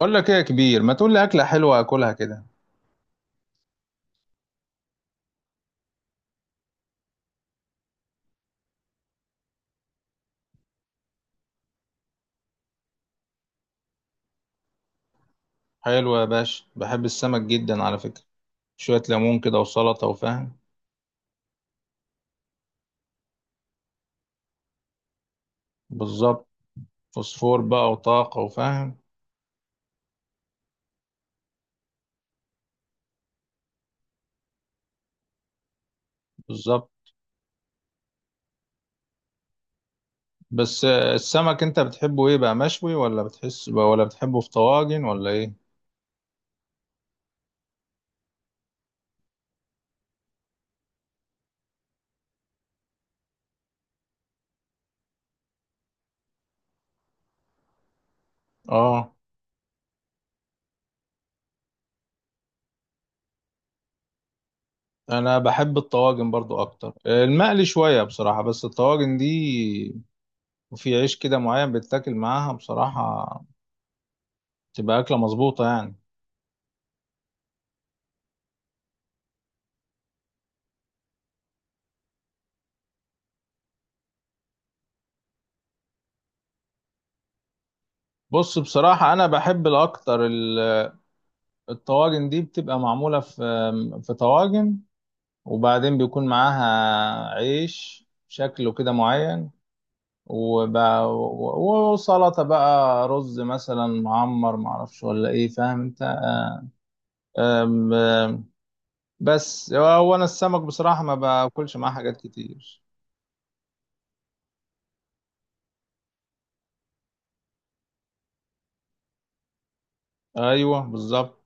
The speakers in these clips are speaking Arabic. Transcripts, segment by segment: اقول لك ايه يا كبير، ما تقول لي اكله حلوه اكلها كده. حلوه يا باشا، بحب السمك جدا على فكره. شويه ليمون كده وسلطه وفاهم. بالظبط، فوسفور بقى وطاقه وفاهم. بالظبط. بس السمك انت بتحبه ايه بقى؟ مشوي ولا بتحس ولا بتحبه في طواجن ولا ايه؟ اه، انا بحب الطواجن برضو اكتر. المقلي شويه بصراحه، بس الطواجن دي، وفي عيش كده معين بتاكل معاها بصراحه، تبقى اكله مظبوطه يعني. بص، بصراحة أنا بحب الأكتر الطواجن دي، بتبقى معمولة في طواجن، وبعدين بيكون معاها عيش شكله كده معين. وب... وسلطة بقى، رز مثلا معمر معرفش ولا ايه فاهم انت. أم- أم، بس هو انا السمك بصراحة ما باكلش معاه حاجات كتير. ايوه بالظبط،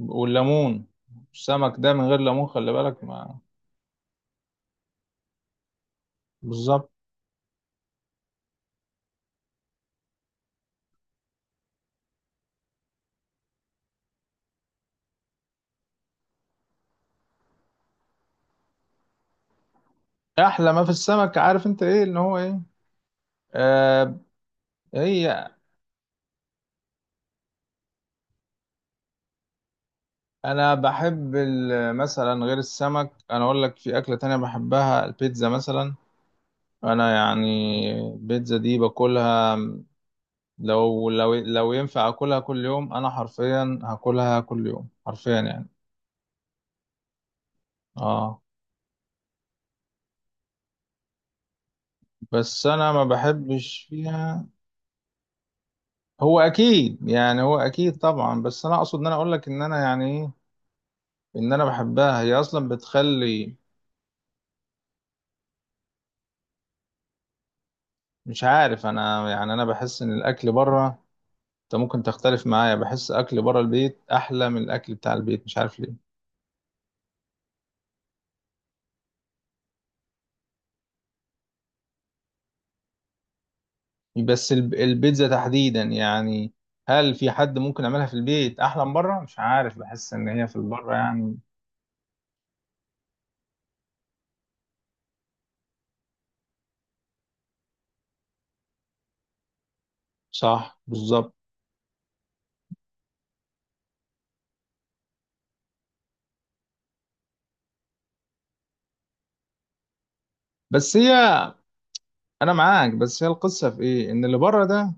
والليمون، السمك ده من غير ليمون خلي بالك ما. بالظبط. احلى ما في السمك عارف انت ايه، ان هو ايه؟ آه. هي، انا بحب مثلا غير السمك، انا اقول لك في اكله تانية بحبها، البيتزا مثلا. انا يعني البيتزا دي باكلها، لو ينفع اكلها كل يوم انا حرفيا هاكلها كل يوم حرفيا يعني. اه، بس انا ما بحبش فيها. هو اكيد يعني، هو اكيد طبعا، بس انا اقصد ان انا اقول لك ان انا يعني ايه، ان انا بحبها هي اصلا بتخلي. مش عارف، انا يعني انا بحس ان الاكل بره، انت ممكن تختلف معايا، بحس اكل بره البيت احلى من الاكل بتاع البيت، مش عارف ليه. بس البيتزا تحديدا يعني، هل في حد ممكن يعملها في البيت احلى من بره؟ مش عارف، بحس ان هي في البره يعني. صح بالظبط. بس هي، انا معاك، بس هي القصه في ايه، ان اللي بره ده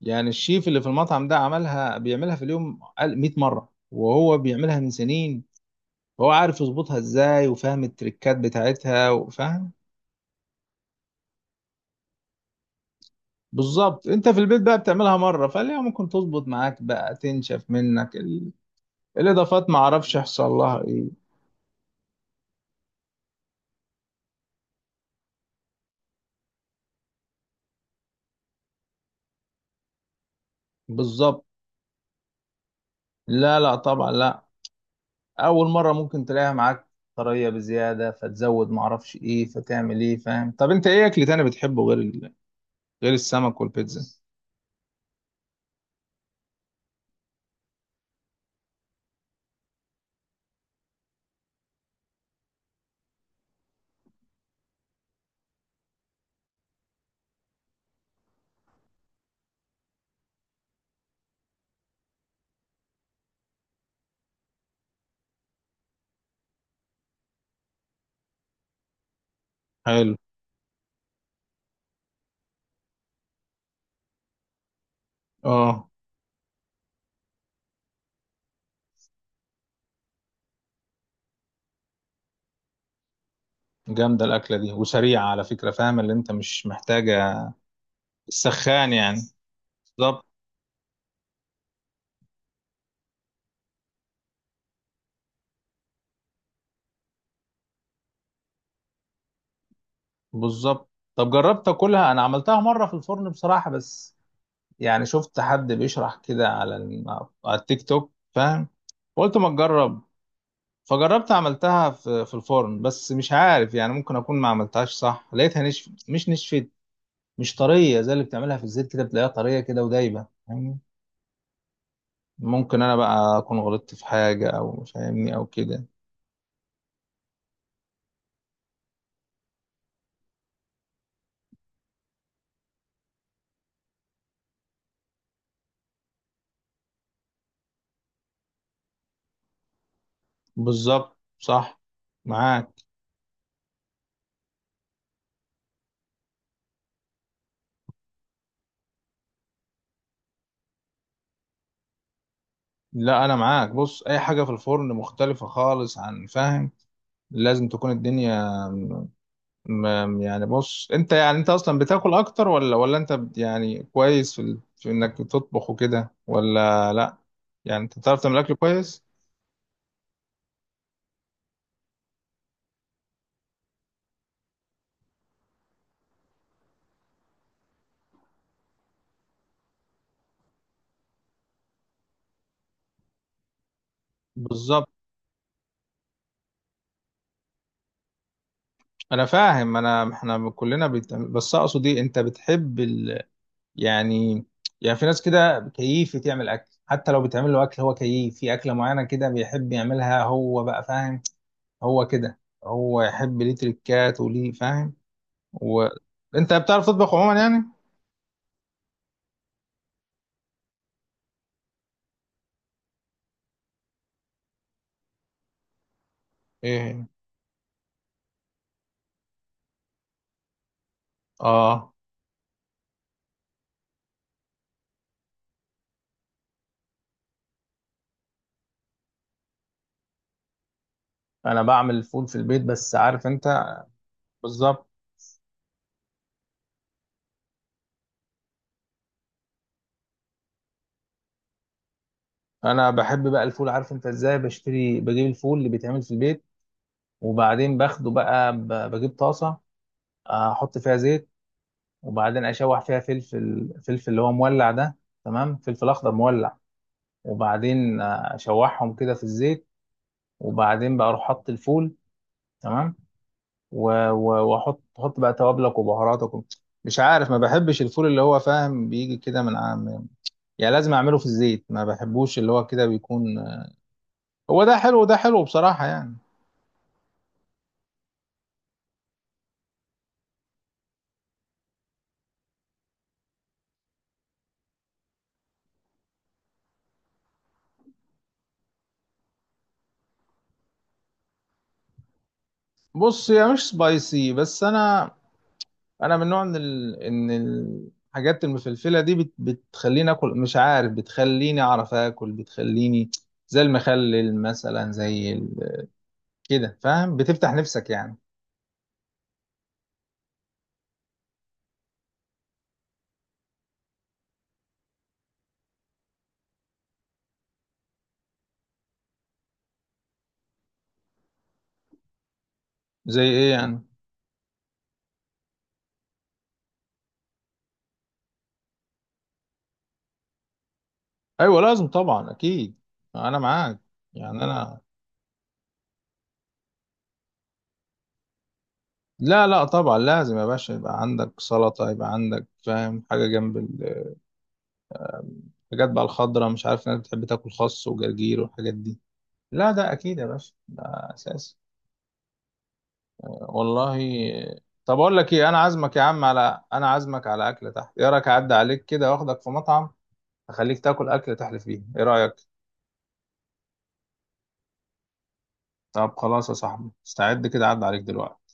يعني الشيف اللي في المطعم ده عملها، بيعملها في اليوم 100 مره وهو بيعملها من سنين، هو عارف يظبطها ازاي وفاهم التريكات بتاعتها وفاهم. بالظبط، انت في البيت بقى بتعملها مره، فليه ممكن تظبط معاك؟ بقى تنشف منك الاضافات، ما اعرفش يحصل لها ايه. بالظبط. لا لا طبعا لا، اول مره ممكن تلاقيها معاك طريه بزياده، فتزود ما اعرفش ايه فتعمل ايه فاهم. طب انت ايه اكل تاني بتحبه غير غير السمك والبيتزا؟ حلو. اه، جامده الاكله دي وسريعه على فكره، فاهم اللي انت مش محتاجه السخان يعني. بالظبط. بالظبط، طب جربت اكلها؟ انا عملتها مره في الفرن بصراحه، بس يعني شفت حد بيشرح كده على على التيك توك فاهم، قلت ما تجرب، فجربت عملتها في الفرن، بس مش عارف، يعني ممكن اكون ما عملتهاش صح، لقيتها نشف مش نشفت، مش طريه زي اللي بتعملها في الزيت كده بتلاقيها طريه كده ودايبه فاهمني. ممكن انا بقى اكون غلطت في حاجه او فاهمني او كده. بالظبط، صح، معاك. لا انا معاك، بص اي حاجه في الفرن مختلفه خالص عن فاهم، لازم تكون الدنيا يعني بص، انت يعني، انت اصلا بتاكل اكتر ولا انت يعني كويس في، في انك تطبخ وكده ولا لا؟ يعني انت بتعرف تعمل اكل كويس؟ بالظبط. انا فاهم، انا احنا كلنا بس اقصد ايه، انت بتحب يعني، يعني في ناس كده كيف تعمل اكل، حتى لو بتعمل له اكل هو كيف في اكله معينه كده بيحب يعملها هو بقى فاهم، هو كده، هو يحب ليه تريكات وليه فاهم، وانت بتعرف تطبخ عموما يعني؟ ايه؟ اه، انا بعمل الفول في البيت بس عارف انت. بالظبط. انا بحب بقى الفول عارف انت ازاي؟ بشتري، بجيب الفول اللي بيتعمل في البيت، وبعدين باخده بقى بجيب طاسه، احط فيها زيت، وبعدين اشوح فيها فلفل، فلفل اللي هو مولع ده، تمام، فلفل اخضر مولع، وبعدين اشوحهم كده في الزيت، وبعدين بقى اروح احط الفول، تمام، و- و- واحط احط بقى توابلك وبهاراتك و-. مش عارف، ما بحبش الفول اللي هو فاهم بيجي كده من، يعني لازم اعمله في الزيت، ما بحبوش اللي هو كده بيكون، هو ده حلو وده حلو بصراحة يعني. بص هي مش سبايسي، بس انا، انا من نوع ان ان الحاجات المفلفلة دي بتخليني اكل، مش عارف، بتخليني اعرف اكل، بتخليني زي المخلل مثلا، زي كده فاهم، بتفتح نفسك يعني. زي ايه يعني؟ ايوه لازم طبعا، اكيد. انا معاك، يعني انا. لا لا طبعا، لازم يا باشا يبقى عندك سلطة، يبقى عندك فاهم حاجة جنب، حاجات بقى الخضرة، مش عارف، ناس بتحب تاكل خس وجرجير والحاجات دي، لا ده أكيد يا باشا، ده أساسي. والله، طب أقول لك إيه، أنا عازمك يا عم على، أنا عازمك على أكلة تحت، إيه رأيك أعدي عليك كده وآخدك في مطعم، أخليك تاكل أكلة تحلف فيها، إيه رأيك؟ طب خلاص يا صاحبي، استعد كده أعدي عليك دلوقتي.